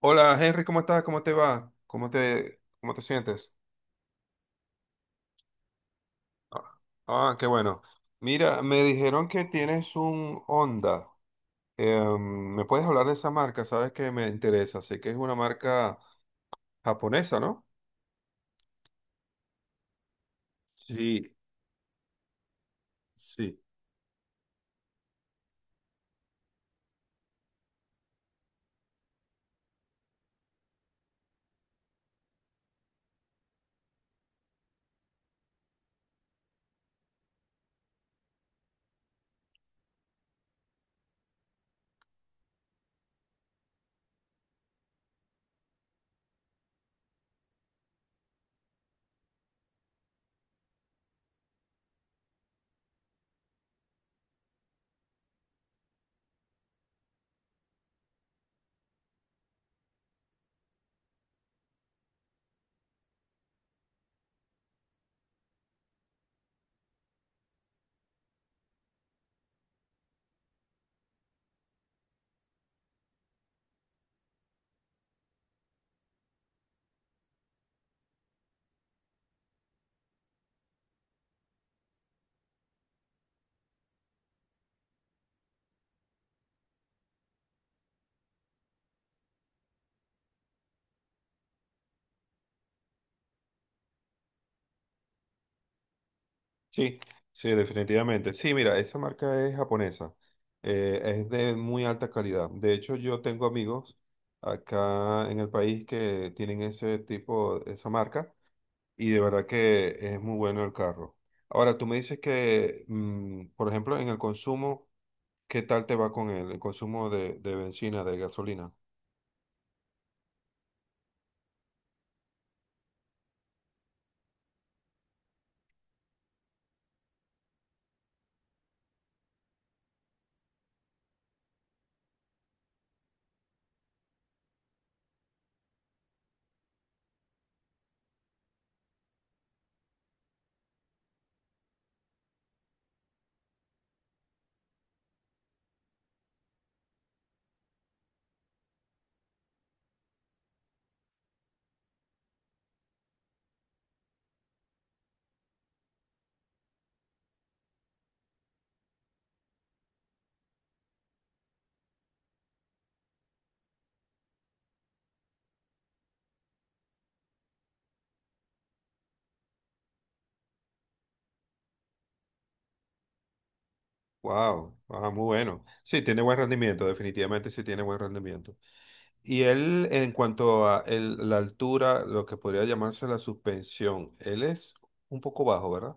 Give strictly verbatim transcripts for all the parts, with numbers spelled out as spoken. Hola Henry, ¿cómo estás? ¿Cómo te va? ¿Cómo te, cómo te sientes? Ah, ah, qué bueno. Mira, me dijeron que tienes un Honda. Em, ¿me puedes hablar de esa marca? Sabes que me interesa. Sé que es una marca japonesa, ¿no? Sí, sí. Sí, sí, definitivamente. Sí, mira, esa marca es japonesa. Eh, es de muy alta calidad. De hecho, yo tengo amigos acá en el país que tienen ese tipo, esa marca. Y de verdad que es muy bueno el carro. Ahora, tú me dices que, mm, por ejemplo, en el consumo, ¿qué tal te va con el, el consumo de, de benzina, de gasolina? Wow, ah, muy bueno. Sí, tiene buen rendimiento, definitivamente sí tiene buen rendimiento. Y él, en cuanto a el- la altura, lo que podría llamarse la suspensión, él es un poco bajo, ¿verdad?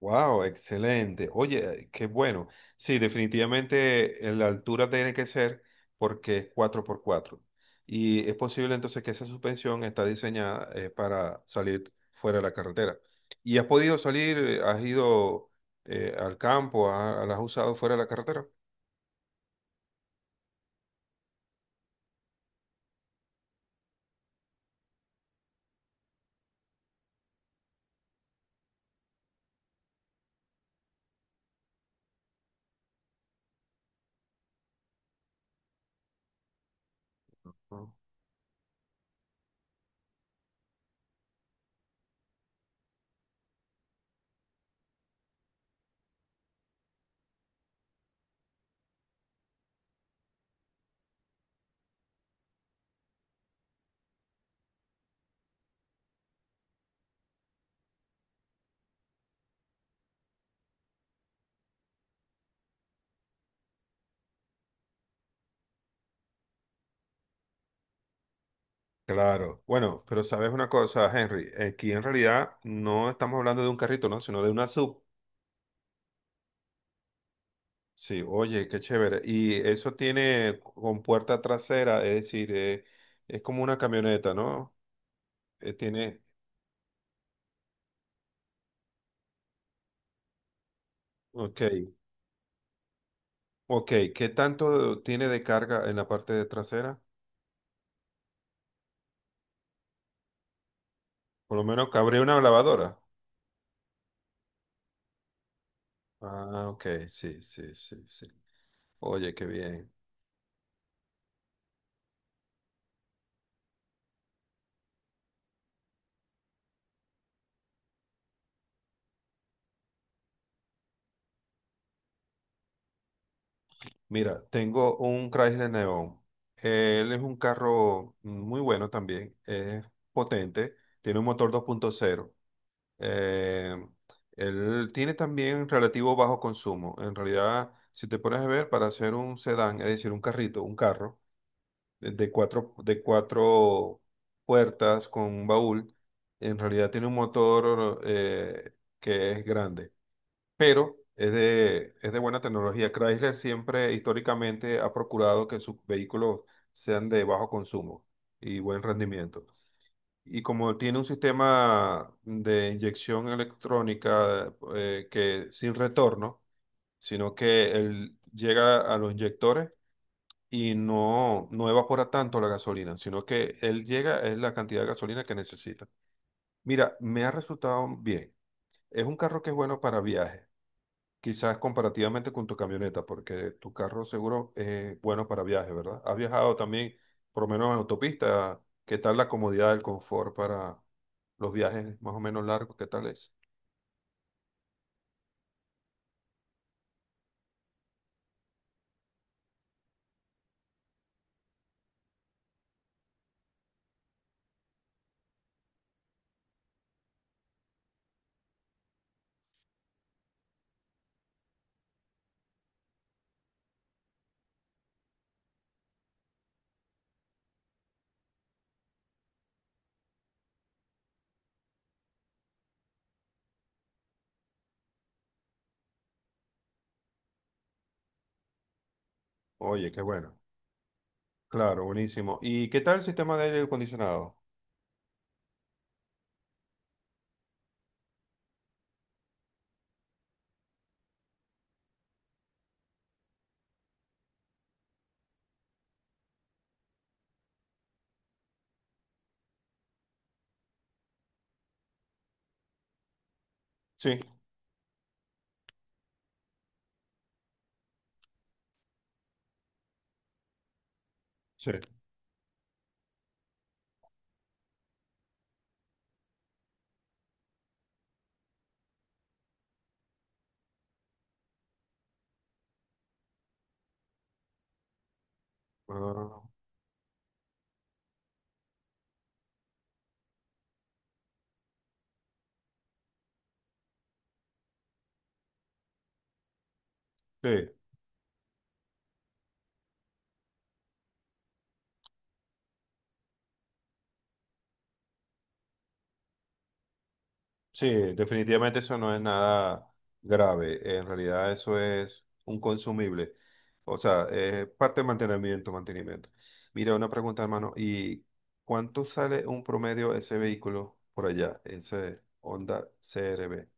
Wow, excelente. Oye, eh, qué bueno. Sí, definitivamente eh, la altura tiene que ser porque es cuatro por cuatro. Y es posible entonces que esa suspensión está diseñada eh, para salir fuera de la carretera. ¿Y has podido salir? eh, ¿Has ido eh, al campo? ¿Ha- ¿La has usado fuera de la carretera? No. Claro. Bueno, pero sabes una cosa, Henry, aquí en realidad no estamos hablando de un carrito, ¿no? Sino de una sub. Sí, oye, qué chévere. Y eso tiene con puerta trasera, es decir, eh, es como una camioneta, ¿no? Eh, tiene, ok, ok. ¿Qué tanto tiene de carga en la parte de trasera? Por lo menos cabría una lavadora. Ah, ok, sí, sí, sí, sí. Oye, qué bien. Mira, tengo un Chrysler Neon. Él es un carro muy bueno también, es potente, tiene un motor dos punto cero. Eh, Él tiene también relativo bajo consumo. En realidad, si te pones a ver, para hacer un sedán, es decir, un carrito, un carro de, de cuatro, de cuatro puertas con un baúl, en realidad tiene un motor eh, que es grande pero es de, es de buena tecnología. Chrysler siempre históricamente ha procurado que sus vehículos sean de bajo consumo y buen rendimiento. Y como tiene un sistema de inyección electrónica eh, que sin retorno, sino que él llega a los inyectores y no, no evapora tanto la gasolina, sino que él llega es la cantidad de gasolina que necesita. Mira, me ha resultado bien. Es un carro que es bueno para viajes. Quizás comparativamente con tu camioneta, porque tu carro seguro es bueno para viajes, ¿verdad? Has viajado también, por lo menos en autopista. ¿Qué tal la comodidad, el confort para los viajes más o menos largos? ¿Qué tal es? Oye, qué bueno. Claro, buenísimo. ¿Y qué tal el sistema de aire acondicionado? Sí, sí. Ah, sí. Sí, definitivamente eso no es nada grave. En realidad eso es un consumible. O sea, es parte de mantenimiento, mantenimiento. Mira, una pregunta, hermano. ¿Y cuánto sale un promedio ese vehículo por allá? Ese Honda C R B.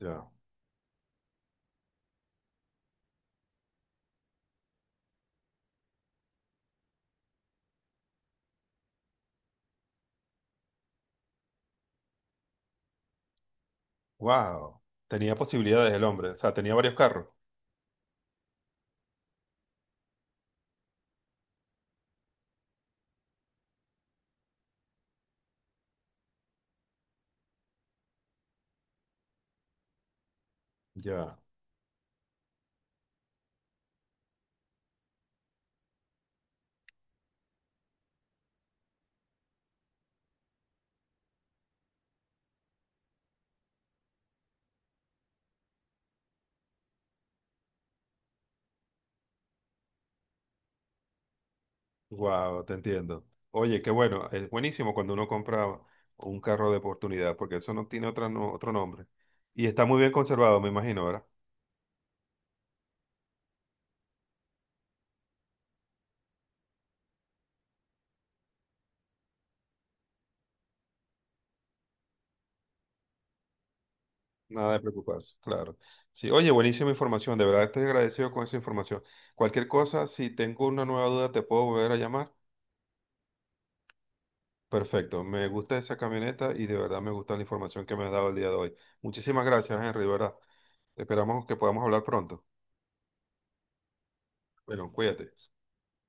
Ya. Wow. Tenía posibilidades el hombre. O sea, tenía varios carros. Ya. Wow, te entiendo. Oye, qué bueno, es buenísimo cuando uno compra un carro de oportunidad, porque eso no tiene otra no- otro nombre. Y está muy bien conservado, me imagino, ¿verdad? Nada de preocuparse, claro. Sí, oye, buenísima información, de verdad estoy agradecido con esa información. Cualquier cosa, si tengo una nueva duda, te puedo volver a llamar. Perfecto, me gusta esa camioneta y de verdad me gusta la información que me has dado el día de hoy. Muchísimas gracias, Henry, de verdad. Esperamos que podamos hablar pronto. Bueno, cuídate.